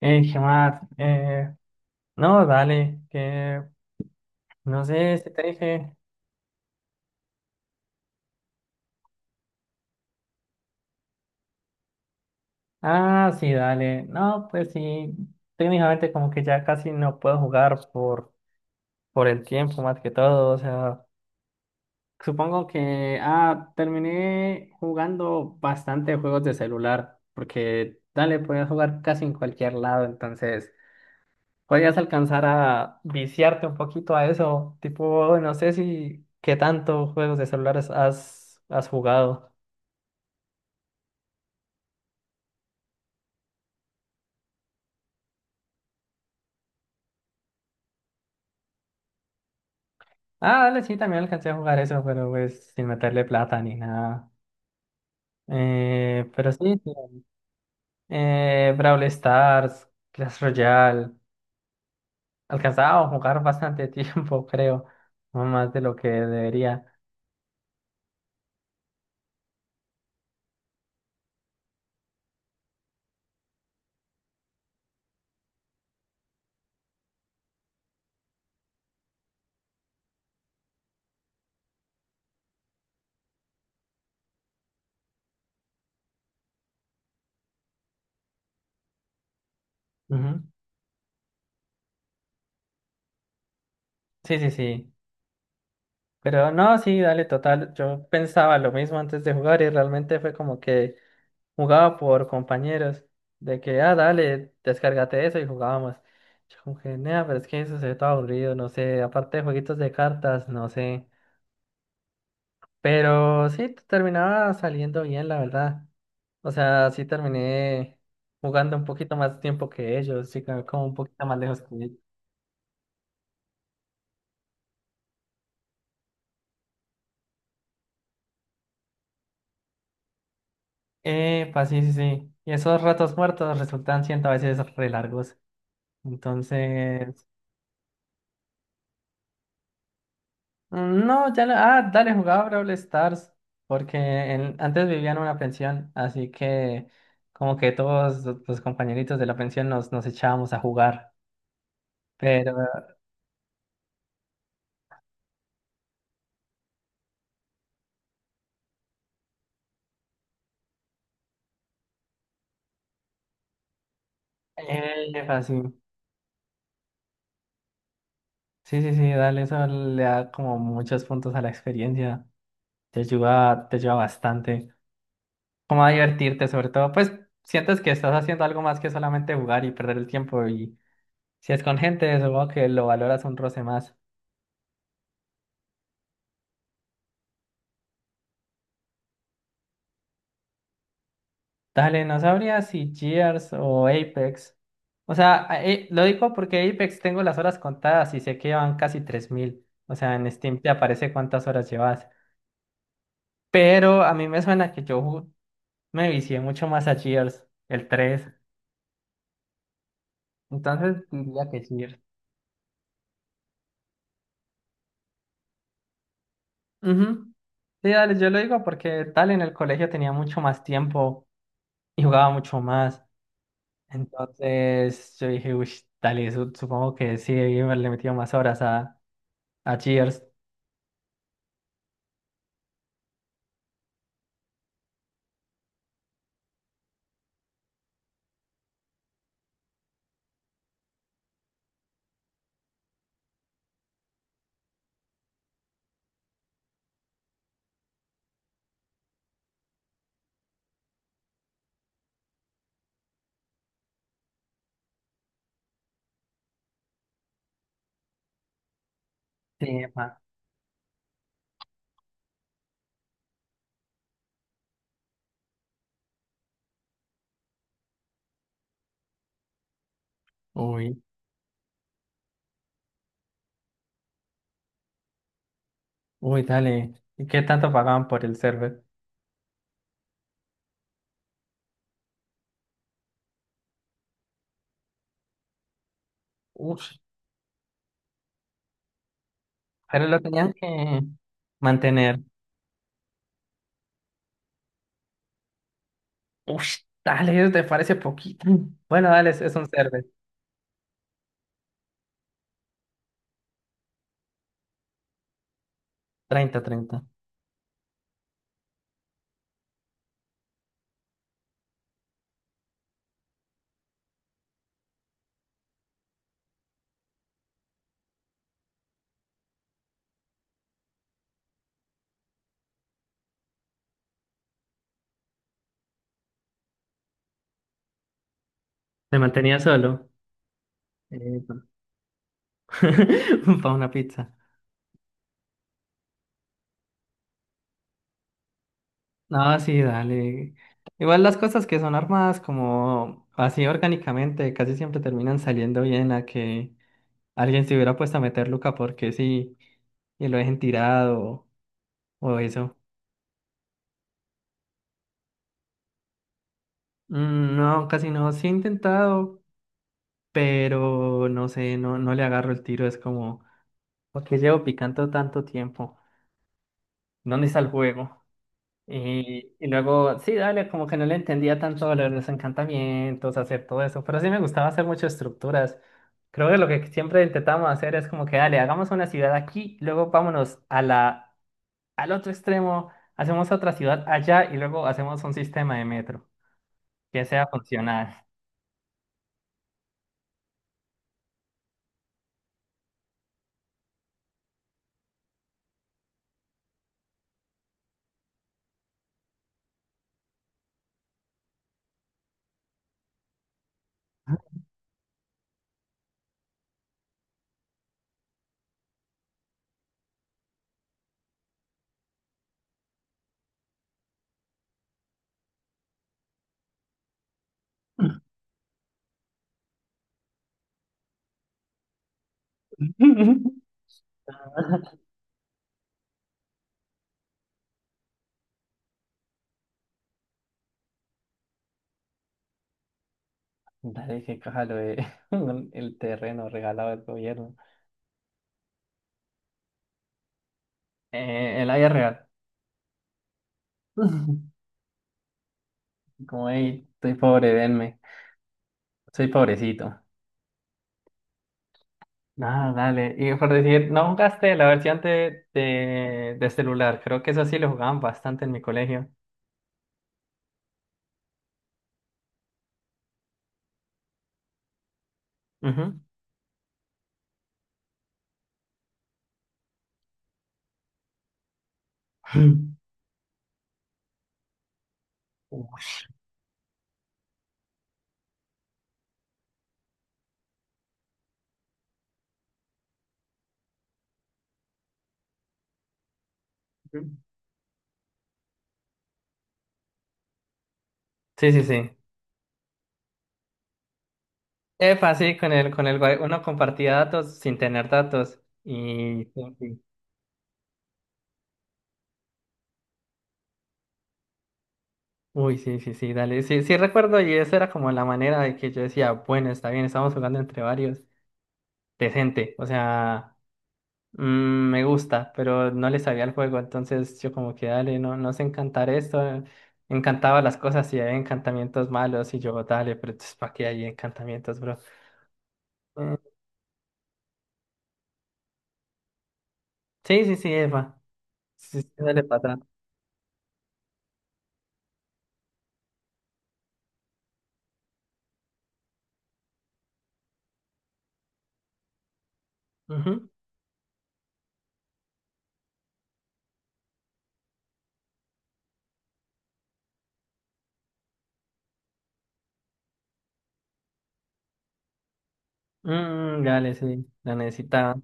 ¿Qué más? No, dale, que no sé si te dije. Ah, sí, dale. No, pues sí, técnicamente como que ya casi no puedo jugar por el tiempo más que todo. O sea, supongo que, terminé jugando bastante juegos de celular, porque, dale, podías jugar casi en cualquier lado, entonces podías alcanzar a viciarte un poquito a eso. Tipo, no sé si, qué tanto juegos de celulares has jugado. Ah, dale, sí, también alcancé a jugar eso, pero pues sin meterle plata ni nada. Pero sí, sí. Brawl Stars, Clash Royale. Alcanzaba a jugar bastante tiempo, creo. No más de lo que debería. Ujú. Sí, sí, sí. Pero no, sí, dale, total. Yo pensaba lo mismo antes de jugar y realmente fue como que jugaba por compañeros, de que, ah, dale, descárgate eso y jugábamos. Yo como que, nea, pero es que eso se ve todo aburrido, no sé, aparte de jueguitos de cartas, no sé. Pero sí, terminaba saliendo bien, la verdad. O sea, sí terminé jugando un poquito más tiempo que ellos, sí, como un poquito más lejos que ellos. Epa, sí, sí, sí. Y esos ratos muertos resultan siendo a veces re largos. Entonces, no, ya no. Ah, dale, jugaba Brawl Stars. Porque antes vivía en una pensión. Así que, como que todos los compañeritos de la pensión nos echábamos a jugar. Pero, así. Sí, sí, sí, dale, eso le da como muchos puntos a la experiencia. Te ayuda bastante. Como a divertirte, sobre todo. Pues sientes que estás haciendo algo más que solamente jugar y perder el tiempo. Y si es con gente, supongo que lo valoras un roce más. Dale, no sabría si Gears o Apex. O sea, lo digo porque Apex tengo las horas contadas y sé que llevan casi 3000. O sea, en Steam te aparece cuántas horas llevas. Pero a mí me suena que me vicié mucho más a Gears, el 3. Entonces diría que Gears. Ujú. Sí, dale, yo lo digo porque tal en el colegio tenía mucho más tiempo y jugaba mucho más. Entonces yo dije, uy, dale, supongo que sí, le he metido más horas a Gears. Sí, uy, uy, dale. ¿Y qué tanto pagaban por el server? Uf, pero lo tenían que mantener. Uf, dale, eso te parece poquito. Bueno, dale, es un server. 30, 30. Se mantenía solo. Epa. Para una pizza. No, sí, dale. Igual las cosas que son armadas como así orgánicamente casi siempre terminan saliendo bien a que alguien se hubiera puesto a meter Luca porque sí y lo dejen tirado o eso. Mm, no, casi no. Sí he intentado, pero no sé, no le agarro el tiro. Es como, ¿por qué llevo picando tanto tiempo? ¿Dónde está el juego? Y luego, sí, dale, como que no le entendía tanto a lo de los encantamientos, hacer todo eso. Pero sí me gustaba hacer muchas estructuras. Creo que lo que siempre intentamos hacer es como que, dale, hagamos una ciudad aquí, luego vámonos a la, al otro extremo, hacemos otra ciudad allá y luego hacemos un sistema de metro que sea funcional. Dale, qué caja lo de el terreno regalado del gobierno. El área real. Como, hey, estoy pobre, denme. Soy pobrecito. Nada, dale. Y por decir, no jugaste la versión de celular. Creo que eso sí lo jugaban bastante en mi colegio. Ujú. Sí, sí, sí. Epa, sí, uno compartía datos sin tener datos. Y, sí, sí. Uy, sí, sí, sí, dale. Sí, sí recuerdo y esa era como la manera de que yo decía, bueno, está bien, estamos jugando entre varios. Decente, o sea, mm, me gusta, pero no le sabía el juego, entonces yo como que dale, no, no sé encantar esto. Encantaba las cosas y hay encantamientos malos y yo, dale, pero entonces ¿para qué hay encantamientos, bro? Eh, sí, sí, sí, Eva. Sí, sí, dale para atrás. Ujú. Mm, dale, sí, la necesitaba.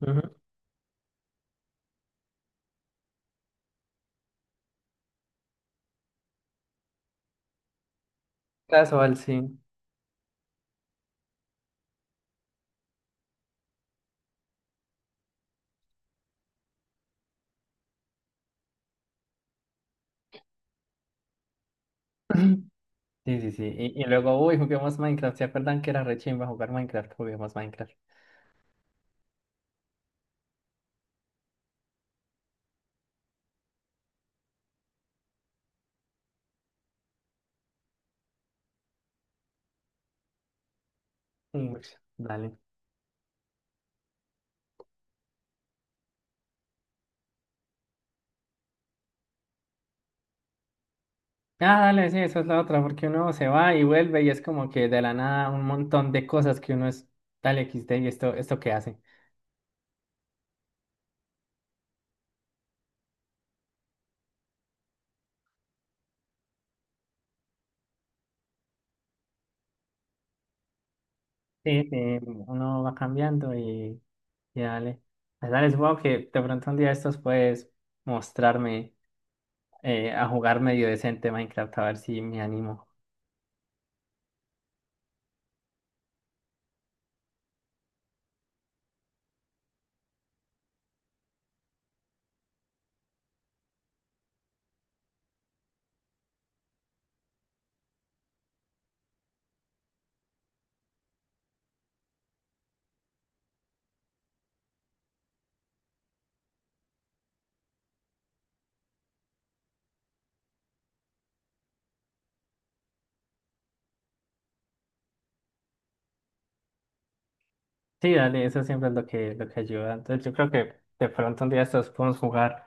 Ujú. Casual, sí. Sí, sí, sí. Y luego, uy, juguemos Minecraft. ¿Se acuerdan que era re chimba jugar Minecraft? Juguemos Minecraft. Mm, dale. Ah, dale, sí, esa es la otra, porque uno se va y vuelve y es como que de la nada un montón de cosas que uno es, dale XD y esto qué hace. Sí, sí, uno va cambiando y dale. Pues dale, supongo que de pronto un día estos puedes mostrarme a jugar medio decente Minecraft, a ver si me animo. Sí, dale, eso siempre es lo que ayuda. Entonces yo creo que de pronto un día estos podemos jugar,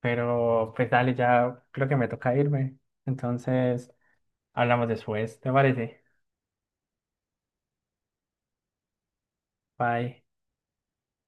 pero pues dale, ya creo que me toca irme. Entonces hablamos después, ¿te parece? Bye.